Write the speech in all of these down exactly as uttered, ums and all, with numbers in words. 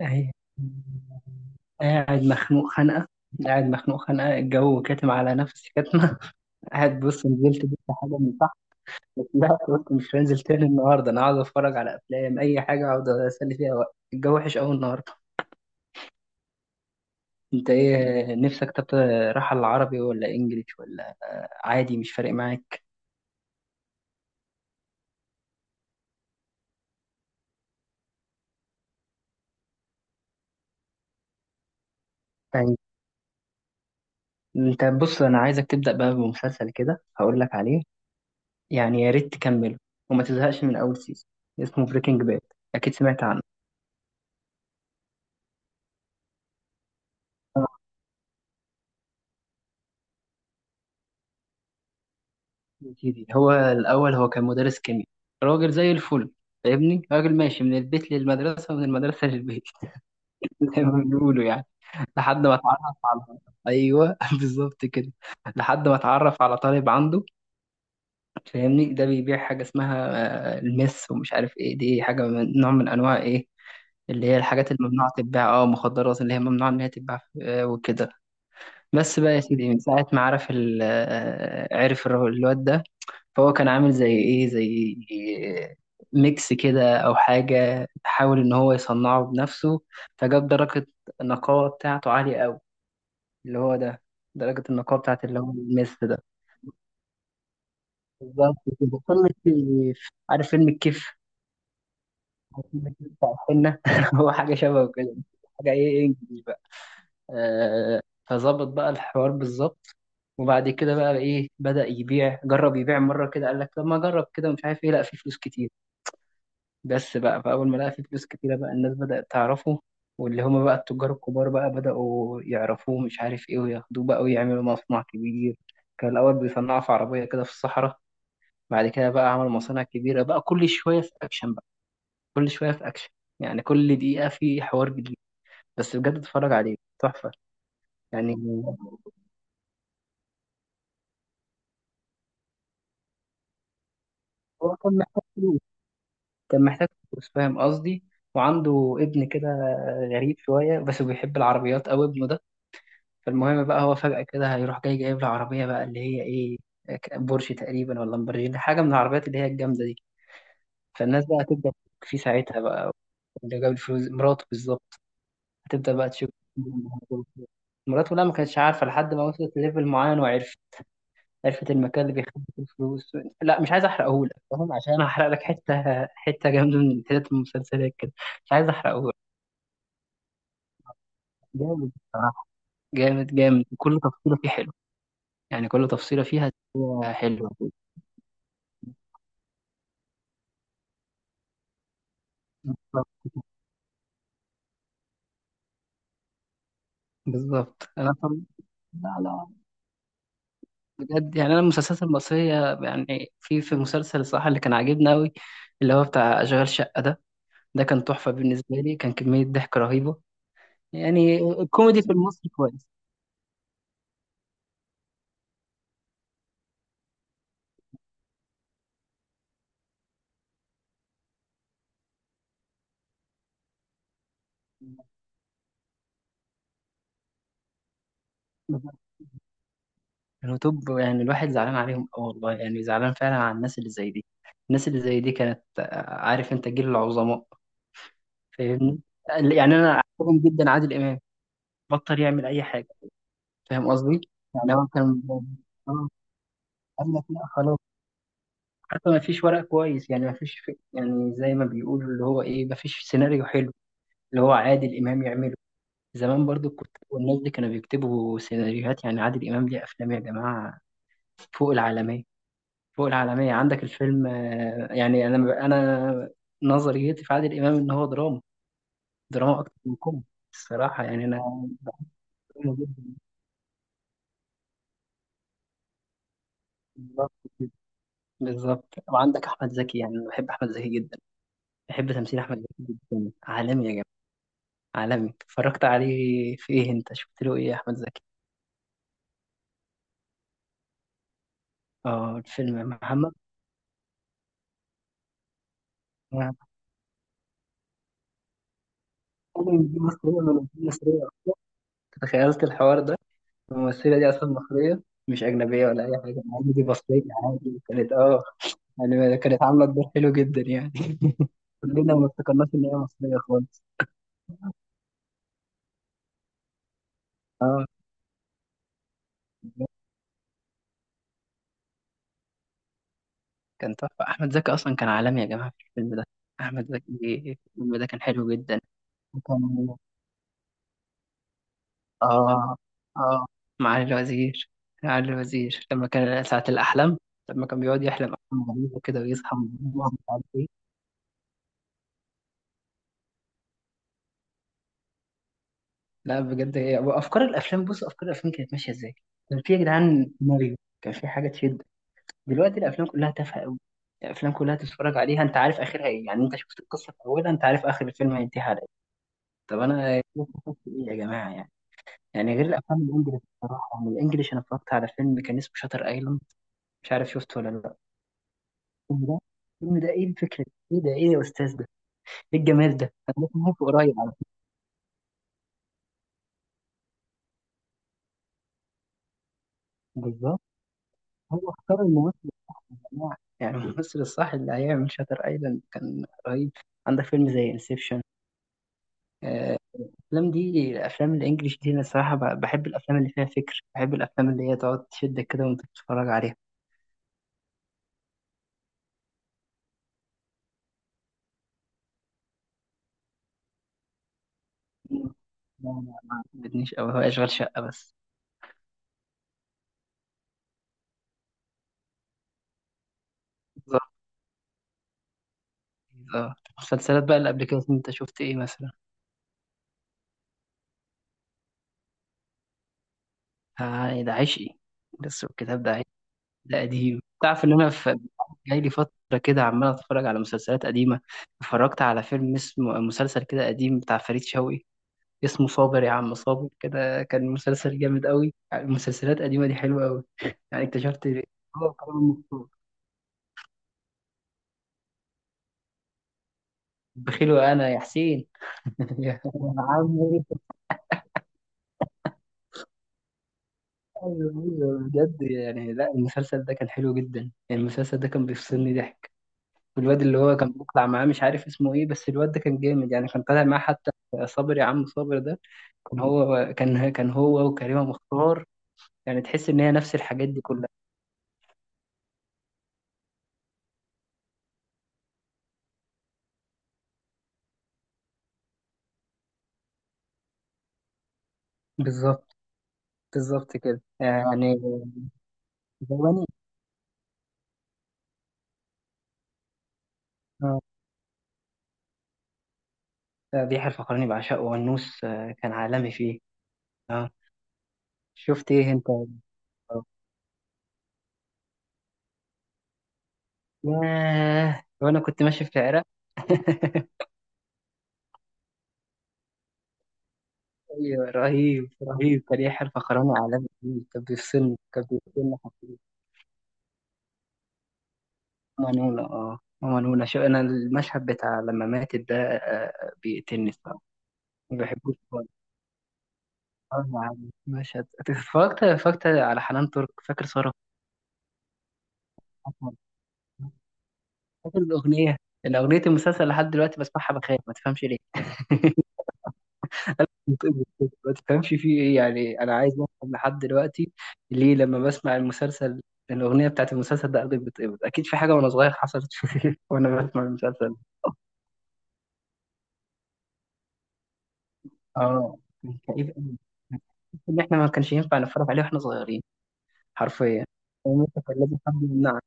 أهي. قاعد مخنوق خنقة قاعد مخنوق خنقة، الجو كاتم على نفسي كاتمة. قاعد، بص نزلت جبت حاجة من تحت. لا قلت مش هنزل تاني النهاردة، أنا عاوز أتفرج على أفلام، أي حاجة أقعد أسلي فيها وقت الجو وحش أوي النهاردة. أنت إيه نفسك؟ طب رايحة العربي ولا إنجليش ولا؟ عادي مش فارق معاك؟ يعني أنت بص، أنا عايزك تبدأ بقى بمسلسل كده هقول لك عليه. يعني يا ريت تكمله وما تزهقش من أول سيزون. اسمه بريكنج باد، أكيد سمعت عنه. أكيد، هو الأول هو كان مدرس كيمياء، راجل زي الفل، فاهمني؟ راجل ماشي من البيت للمدرسة ومن المدرسة للبيت. زي ما بيقولوا يعني. لحد ما اتعرف على، أيوه بالظبط كده، لحد ما اتعرف على طالب عنده، فاهمني؟ ده بيبيع حاجة اسمها، آه، المس ومش عارف إيه، دي حاجة من نوع من أنواع إيه، اللي هي الحاجات الممنوعة تتباع، اه مخدرات، اللي هي ممنوعة إن هي تتباع، آه، وكده. بس بقى يا سيدي، من ساعة ما عرف ال- آه، عرف الر- الواد ده، فهو كان عامل زي ايه، زي ميكس كده او حاجه، حاول ان هو يصنعه بنفسه، فجاب درجه النقاوه بتاعته عاليه قوي، اللي هو ده درجه النقاوه بتاعت اللي هو الميس ده. بالظبط كده. فيلم الكيف، عارف فيلم الكيف؟ فيلم الكيف بتاع الحنه، هو حاجه شبه كده. حاجه ايه، انجلش بقى، آه. فظبط بقى الحوار بالظبط. وبعد كده بقى ايه، بدأ يبيع، جرب يبيع مره كده، قال لك طب ما اجرب كده ومش عارف ايه، لا في فلوس كتير. بس بقى فأول ما لقى فيه فلوس كتيرة، بقى الناس بدأت تعرفه، واللي هما بقى التجار الكبار بقى بدأوا يعرفوه مش عارف إيه، وياخدوه بقى ويعملوا مصنع كبير. كان الأول بيصنعه في عربية كده في الصحراء، بعد كده بقى عمل مصانع كبيرة، بقى كل شوية في أكشن، بقى كل شوية في أكشن، يعني كل دقيقة في حوار جديد. بس بجد اتفرج عليه، تحفة. يعني هو كان محتاج فلوس، كان محتاج فلوس، فاهم قصدي؟ وعنده ابن كده، غريب شوية بس بيحب العربيات أوي ابنه ده. فالمهم بقى هو فجأة كده هيروح جاي جايب له عربية بقى، اللي هي إيه، بورش تقريبا ولا لامبرجيني، حاجة من العربيات اللي هي الجامدة دي. فالناس بقى هتبدأ تشك فيه ساعتها بقى، اللي جاب الفلوس مراته بالظبط. هتبدأ بقى تشك فيه. مراته لا ما كانتش عارفة، لحد ما وصلت لليفل معين وعرفت، عرفت المكان اللي بيخبي فيه الفلوس. لا مش عايز احرقهولك، فاهم؟ عشان هحرق لك حتة حتة جامدة من حتت المسلسلات كده. مش عايز احرقهولك. جامد بصراحة. جامد جامد، كل تفصيلة فيه حلو، يعني كل تفصيلة فيها حلوة. بالظبط. انا طب... لا لا، بجد يعني، انا المسلسلات المصريه، يعني في في مسلسل الصراحه اللي كان عاجبني قوي، اللي هو بتاع اشغال شقه ده، ده كان تحفه بالنسبه لي، كان كميه ضحك رهيبه. يعني الكوميدي في المصري كويس. بالظبط. كانوا توب، يعني الواحد زعلان عليهم أوي والله، يعني زعلان فعلا على الناس اللي زي دي. الناس اللي زي دي كانت، آه، عارف انت جيل العظماء، فاهمني؟ يعني انا عاجبني جدا عادل امام، بطل يعمل اي حاجه، فاهم قصدي؟ يعني هو كان، آه، قال لك لا خلاص، حتى ما فيش ورق كويس، يعني ما فيش في، يعني زي ما بيقولوا اللي هو ايه، ما فيش سيناريو حلو اللي هو عادل امام يعمله. زمان برضو كنت، والناس دي كانوا بيكتبوا سيناريوهات، يعني عادل امام ليه افلام يا جماعه فوق العالميه، فوق العالميه. عندك الفيلم، آه، يعني انا انا نظريتي في عادل امام ان هو دراما، دراما اكتر من كوميدي الصراحه، يعني انا بحبه جدا. بالظبط كده. بالظبط. وعندك احمد زكي، يعني أنا بحب احمد زكي جدا، بحب تمثيل احمد زكي جدا، عالمي يا. عالمي. اتفرجت عليه في ايه، انت شفت له ايه يا احمد زكي؟ اه الفيلم محمد. أنا بتكلم إن دي مصرية ولا دي مصرية، تخيلت الحوار ده الممثلة دي اصلا مصرية، مش اجنبية ولا اي حاجة عادي، دي مصرية عادي كانت اه. يعني كانت عاملة الدور حلو جدا يعني. كلنا ما افتكرناش ان هي مصرية خالص. اه كان تحفة، أحمد زكي أصلا كان عالمي يا جماعة في الفيلم ده. أحمد زكي الفيلم ده كان حلو جدا. وكان اه اه، معالي الوزير، معالي الوزير لما كان ساعة الأحلام، لما كان بيقعد يحلم أحلام غريبة وكده، ويصحى من النوم مش عارف إيه. لا بجد هي، وأفكار الأفلام، بص أفكار الأفلام كانت ماشية إزاي، كان في يا جدعان سيناريو، كان في حاجة تشد. دلوقتي الأفلام كلها تافهة أوي، الأفلام كلها تتفرج عليها أنت عارف آخرها إيه، يعني أنت شفت القصة في أولها أنت عارف آخر الفيلم هينتهي على إيه. طب أنا شفت إيه يا جماعة يعني؟ يعني غير الأفلام الإنجليش بصراحة، يعني الإنجليش، أنا اتفرجت على فيلم كان اسمه شاتر أيلاند، مش عارف شفته ولا لأ. الفيلم ده، الفيلم ده ايه الفكره دي؟ ايه ده، ايه يا استاذ ده، ايه الجمال ده، انا لسه عارفه قريب على فكرة. بالظبط. هو اختار الممثل يا جماعه، يعني الممثل الصح اللي هيعمل شاتر ايلاند كان رهيب. عندك فيلم زي انسبشن. الافلام دي، الافلام الانجليش دي، انا الصراحه ب- بحب الافلام اللي فيها فكر، بحب الافلام اللي هي تقعد تشدك كده وانت بتتفرج عليها. لا لا، ما عجبتنيش قوي، هو اشغال شقه بس. بالظبط. اه المسلسلات بقى اللي قبل كده انت شفت ايه مثلا؟ آه، ده عشقي. بس الكتاب ده، ده قديم. تعرف ان انا في، جاي لي فتره كده عمال اتفرج على مسلسلات قديمه، اتفرجت على فيلم اسمه، مسلسل كده قديم بتاع فريد شوقي اسمه صابر يا عم صابر كده، كان مسلسل جامد قوي. يعني المسلسلات القديمه دي حلوه قوي. يعني اكتشفت إن هو كمان مبسوط. بخيل وانا يا حسين. يا عم إيه؟ أيوة، أيوة، بجد يعني لا، المسلسل ده كان حلو جدا، يعني المسلسل ده كان بيفصلني ضحك. والواد اللي هو كان بيطلع معاه، مش عارف اسمه ايه، بس الواد ده كان جامد، يعني كان طالع معاه حتى. صابر يا عم صابر ده، كان هو، كان كان هو وكريمة مختار، يعني تحس ان هي نفس الحاجات دي كلها. بالظبط. بالظبط كده يعني. الفقراني. اه. آه، بيحيى الفقراني بعشقه، والنوس آه، كان عالمي فيه. اه. شفت ايه انت؟ ياه، وانا كنت ماشي في العراق. ايوه، رهيب رهيب كان يحيى الفقراني عالمي فيه، كان بيفصلني كان بيفصلني. ماما نونا، اه ماما نونا، شو انا المشهد بتاع لما ماتت ده، آه، آه، بيقتلني الصراحه. ما بحبوش خالص. آه، يعني مشهد، اتفرجت اتفرجت على حنان ترك، فاكر صورة حنان ترك؟ فاكر الاغنيه؟ الاغنيه، المسلسل لحد دلوقتي بسمعها بخاف ما تفهمش ليه. ما تفهمش فيه ايه، يعني انا عايز افهم لحد دلوقتي ليه. لما بسمع المسلسل، الاغنيه بتاعت المسلسل ده قلبي بيتقبض، اكيد في حاجه وانا صغير حصلت. وانا بسمع المسلسل. اه كان كئيب قوي، ان احنا ما كانش ينفع نتفرج عليه واحنا صغيرين. حرفيا الموسيقى كان لازم حد يمنعك.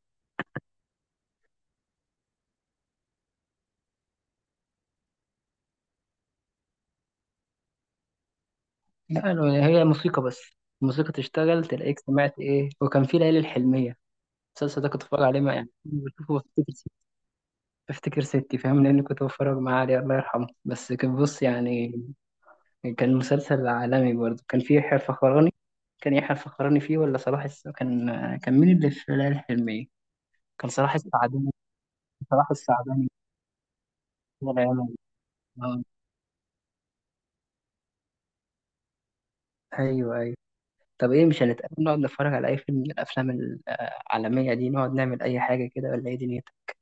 لا، لو هي موسيقى بس الموسيقى تشتغل، تلاقيك سمعت ايه. وكان في ليالي الحلميه. المسلسل ده كنت بتفرج عليه مع، يعني كنت بشوفه بفتكر ستي بفتكر ستي، فاهم لان كنت بتفرج معاه عليه، الله يرحمه. بس كان بص يعني، كان مسلسل عالمي برضه، كان فيه يحيى الفخراني. كان يحيى الفخراني فيه ولا صلاح الس... كان، كان مين اللي في ليالي الحلميه؟ كان صلاح السعداني. صلاح السعداني، الله يعينه. ايوه ايوه. طب ايه، مش هنتقابل نقعد نتفرج على اي فيلم من الافلام العالميه دي، نقعد نعمل اي حاجه كده ولا ايه دنيتك؟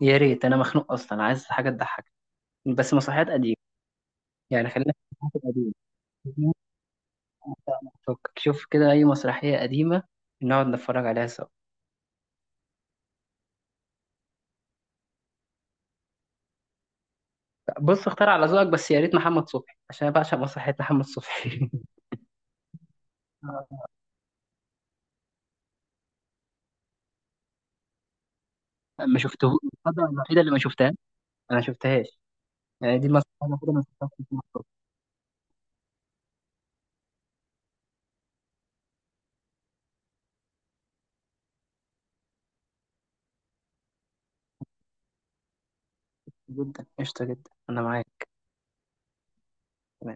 يا ريت، انا مخنوق اصلا عايز حاجه تضحك، بس مسرحيات قديمه. يعني خلينا في المسرحيات القديمه. فك- شوف كده اي مسرحيه قديمه نقعد نتفرج عليها سوا. بص اختار على ذوقك، بس يا ريت محمد صبحي عشان انا بعشق مسرحيات محمد صبحي. ما شفته، الفتره الوحيده اللي ما شفتها، انا ما شفتهاش. يعني دي المسرحيه الوحيده اللي ما شفتهاش محمد صبحي. جدا قشطه جدا انا معاك.